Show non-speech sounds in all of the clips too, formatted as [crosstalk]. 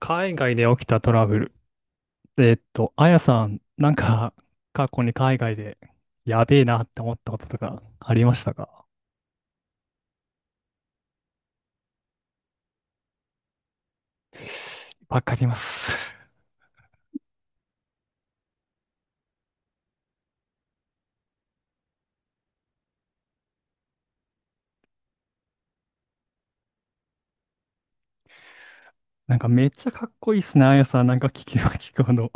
海外で起きたトラブル。あやさん、なんか、過去に海外で、やべえなって思ったこととか、ありましたか？わかります。[laughs] なんか、めっちゃかっこいいっすね、あやさん。なんか、聞けば聞くほど。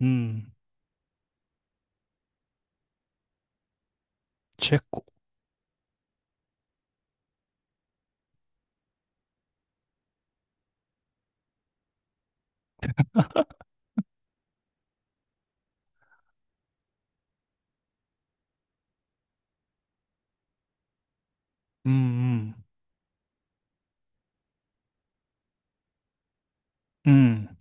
うん。チェコ。うんうん。うん。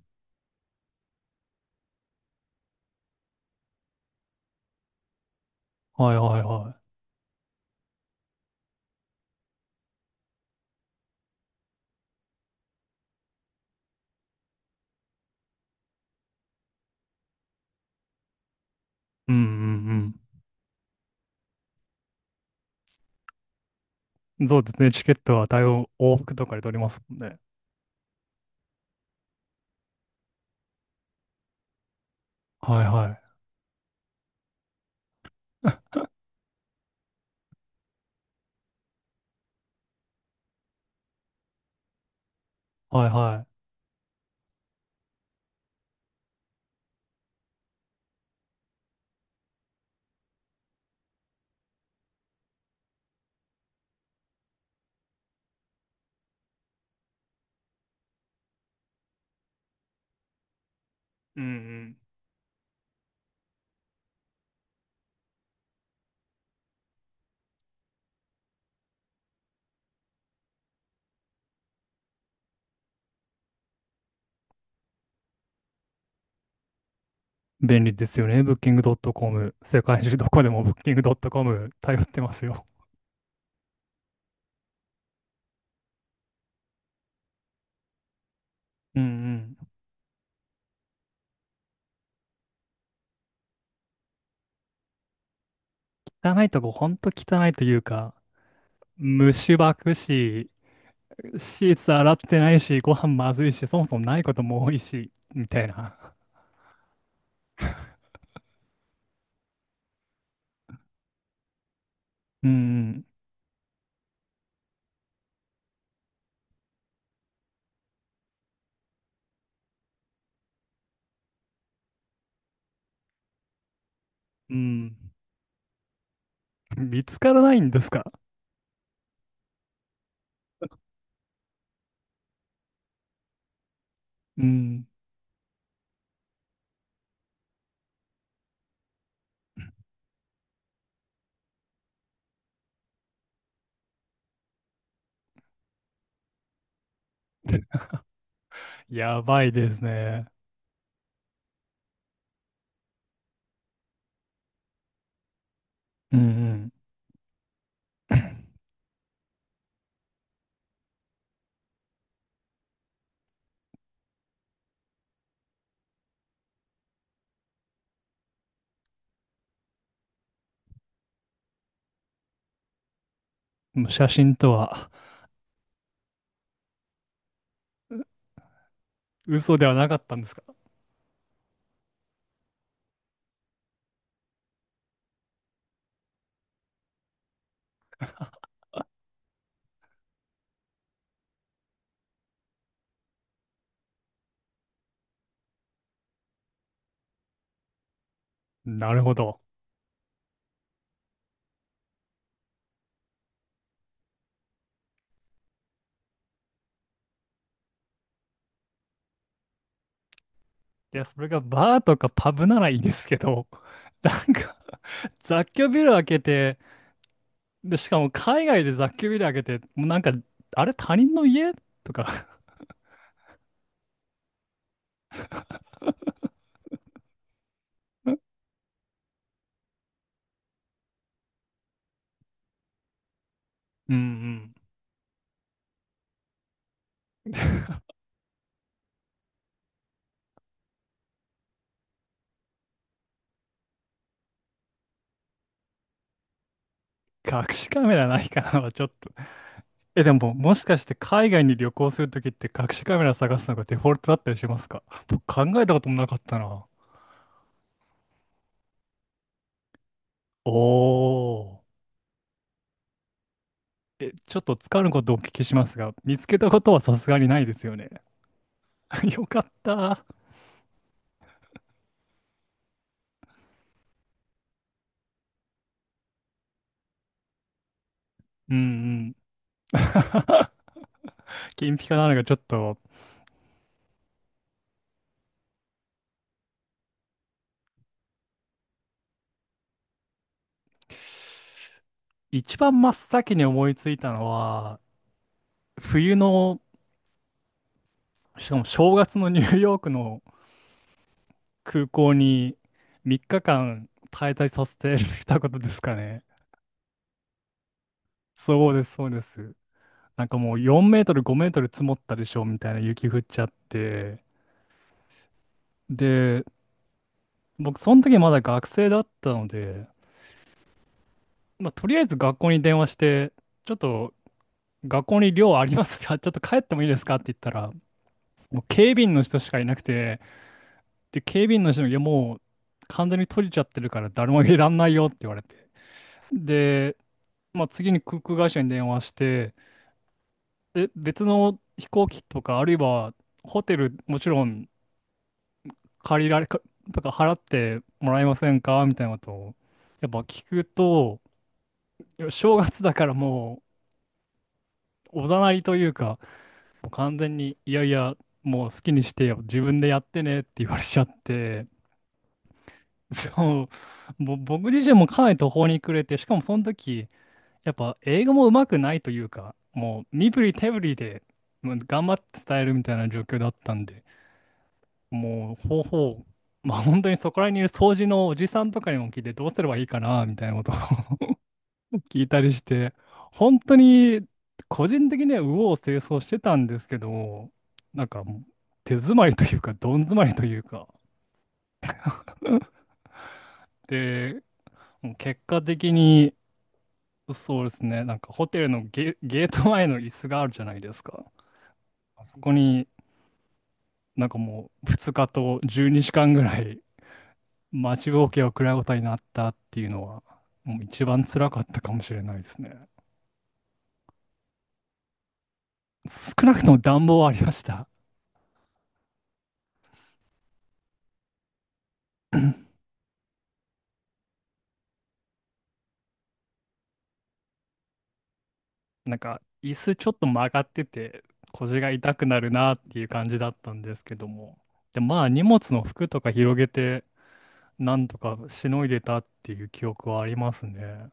はいはいはい。うんうんうん。そうですね、チケットは対応、往復とかで取りますもんね。はいはい [laughs] はいはうんうんい。便利ですよね。Booking.com。世界中どこでも Booking.com 頼ってますよ。うんうん。汚いとこ、ほんと汚いというか、虫ばくし、シーツ洗ってないし、ご飯まずいし、そもそもないことも多いし、みたいな。うんうん。うん。見つからないんですか？うん。[laughs] やばいですね。うんうん。[laughs] もう写真とは。嘘ではなかったんですか？なるほど。いや、それがバーとかパブならいいですけど、[laughs] なんか雑居ビル開けて、で、しかも海外で雑居ビル開けて、もうなんか、あれ他人の家とか。 [laughs] うんうん。[laughs] 隠しカメラないかなはちょっと。え、でも、もしかして海外に旅行するときって隠しカメラ探すのがデフォルトだったりしますか？僕考えたこともなかったな。おー。え、ちょっとつかぬことをお聞きしますが、見つけたことはさすがにないですよね。[laughs] よかった。うんうん。[laughs] 金ピカなのがちょっと。一番真っ先に思いついたのは、冬の、しかも正月のニューヨークの空港に3日間滞在させてたことですかね。そうです、そうです。なんかもう4メートル、5メートル積もったでしょみたいな雪降っちゃって。で、僕、その時まだ学生だったので、まあ、とりあえず学校に電話して、ちょっと学校に寮ありますか？ [laughs] ちょっと帰ってもいいですかって言ったら、もう警備員の人しかいなくて、で、警備員の人に、いやもう完全に閉じちゃってるから誰もいらんないよって言われて。で、まあ、次に航空会社に電話して、で、別の飛行機とか、あるいはホテル、もちろん借りられか、とか払ってもらえませんかみたいなことを、やっぱ聞くと、いや正月だからもうおざなりというか、もう完全に、いやいや、もう好きにしてよ、自分でやってねって言われちゃって、そう、僕自身もかなり途方に暮れて、しかもその時、やっぱ英語も上手くないというか、もう身振り手振りでもう頑張って伝えるみたいな状況だったんで、もう方法、まあ本当にそこら辺にいる掃除のおじさんとかにも聞いてどうすればいいかな、みたいなことを聞いたりして、本当に個人的には右往左往してたんですけど、なんかもう手詰まりというか、どん詰まりというか。で、もう結果的に、そうですね、なんかホテルのゲート前の椅子があるじゃないですか。あそこになんかもう2日と12時間ぐらい待ちぼうけを食らうことになったっていうのは、もう一番辛かったかもしれないですね。少なくとも暖房はありました。なんか椅子ちょっと曲がってて腰が痛くなるなっていう感じだったんですけども、でまあ荷物の服とか広げてなんとかしのいでたっていう記憶はありますね。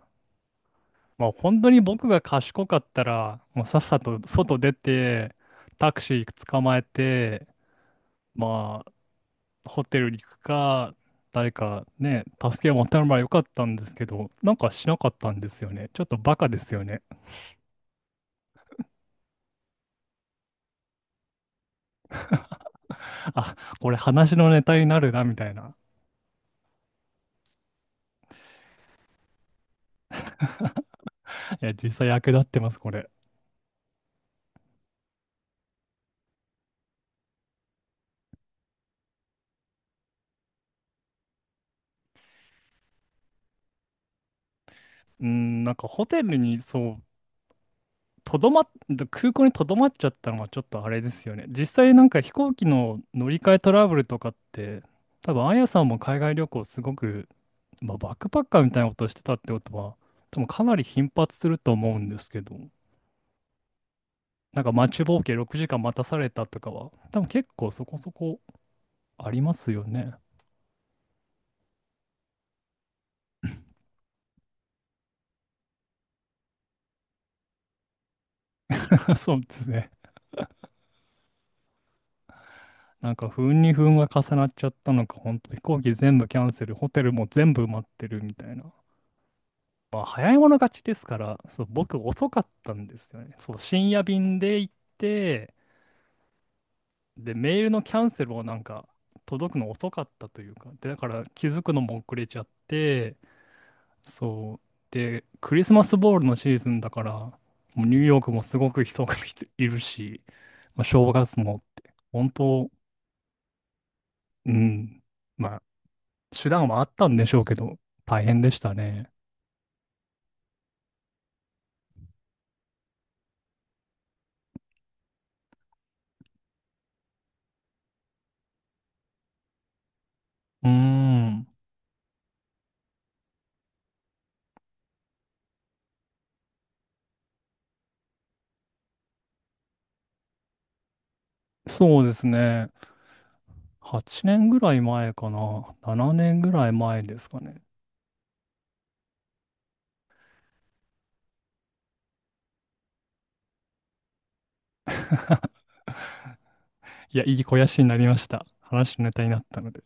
まあ本当に僕が賢かったらもうさっさと外出てタクシー捕まえて、まあホテルに行くか誰かね助けを求めればよかったんですけど、なんかしなかったんですよね。ちょっとバカですよね。あ、これ話のネタになるなみたいな。いや、実際役立ってます、これ。うん、なんかホテルに、そう、とどまっ、空港にとどまっちゃったのはちょっとあれですよね。実際なんか飛行機の乗り換えトラブルとかって、多分あやさんも海外旅行すごく、まあ、バックパッカーみたいなことしてたってことは、多分かなり頻発すると思うんですけど、なんか待ちぼうけ6時間待たされたとかは、多分結構そこそこありますよね。[laughs] そうですね。なんか不運に不運が重なっちゃったのか、本当飛行機全部キャンセル、ホテルも全部埋まってるみたいな。まあ、早い者勝ちですから、そう、僕遅かったんですよね。そう、深夜便で行って、で、メールのキャンセルをなんか届くの遅かったというか、で、だから気づくのも遅れちゃって、そう、で、クリスマスボールのシーズンだから、もうニューヨークもすごく人が [laughs] いるし、まあ、正月もって、本当、うん。まあ手段はあったんでしょうけど、大変でしたね。うーん。そうですね。8年ぐらい前かな。7年ぐらい前ですかね。いや、いい肥やしになりました。話のネタになったので。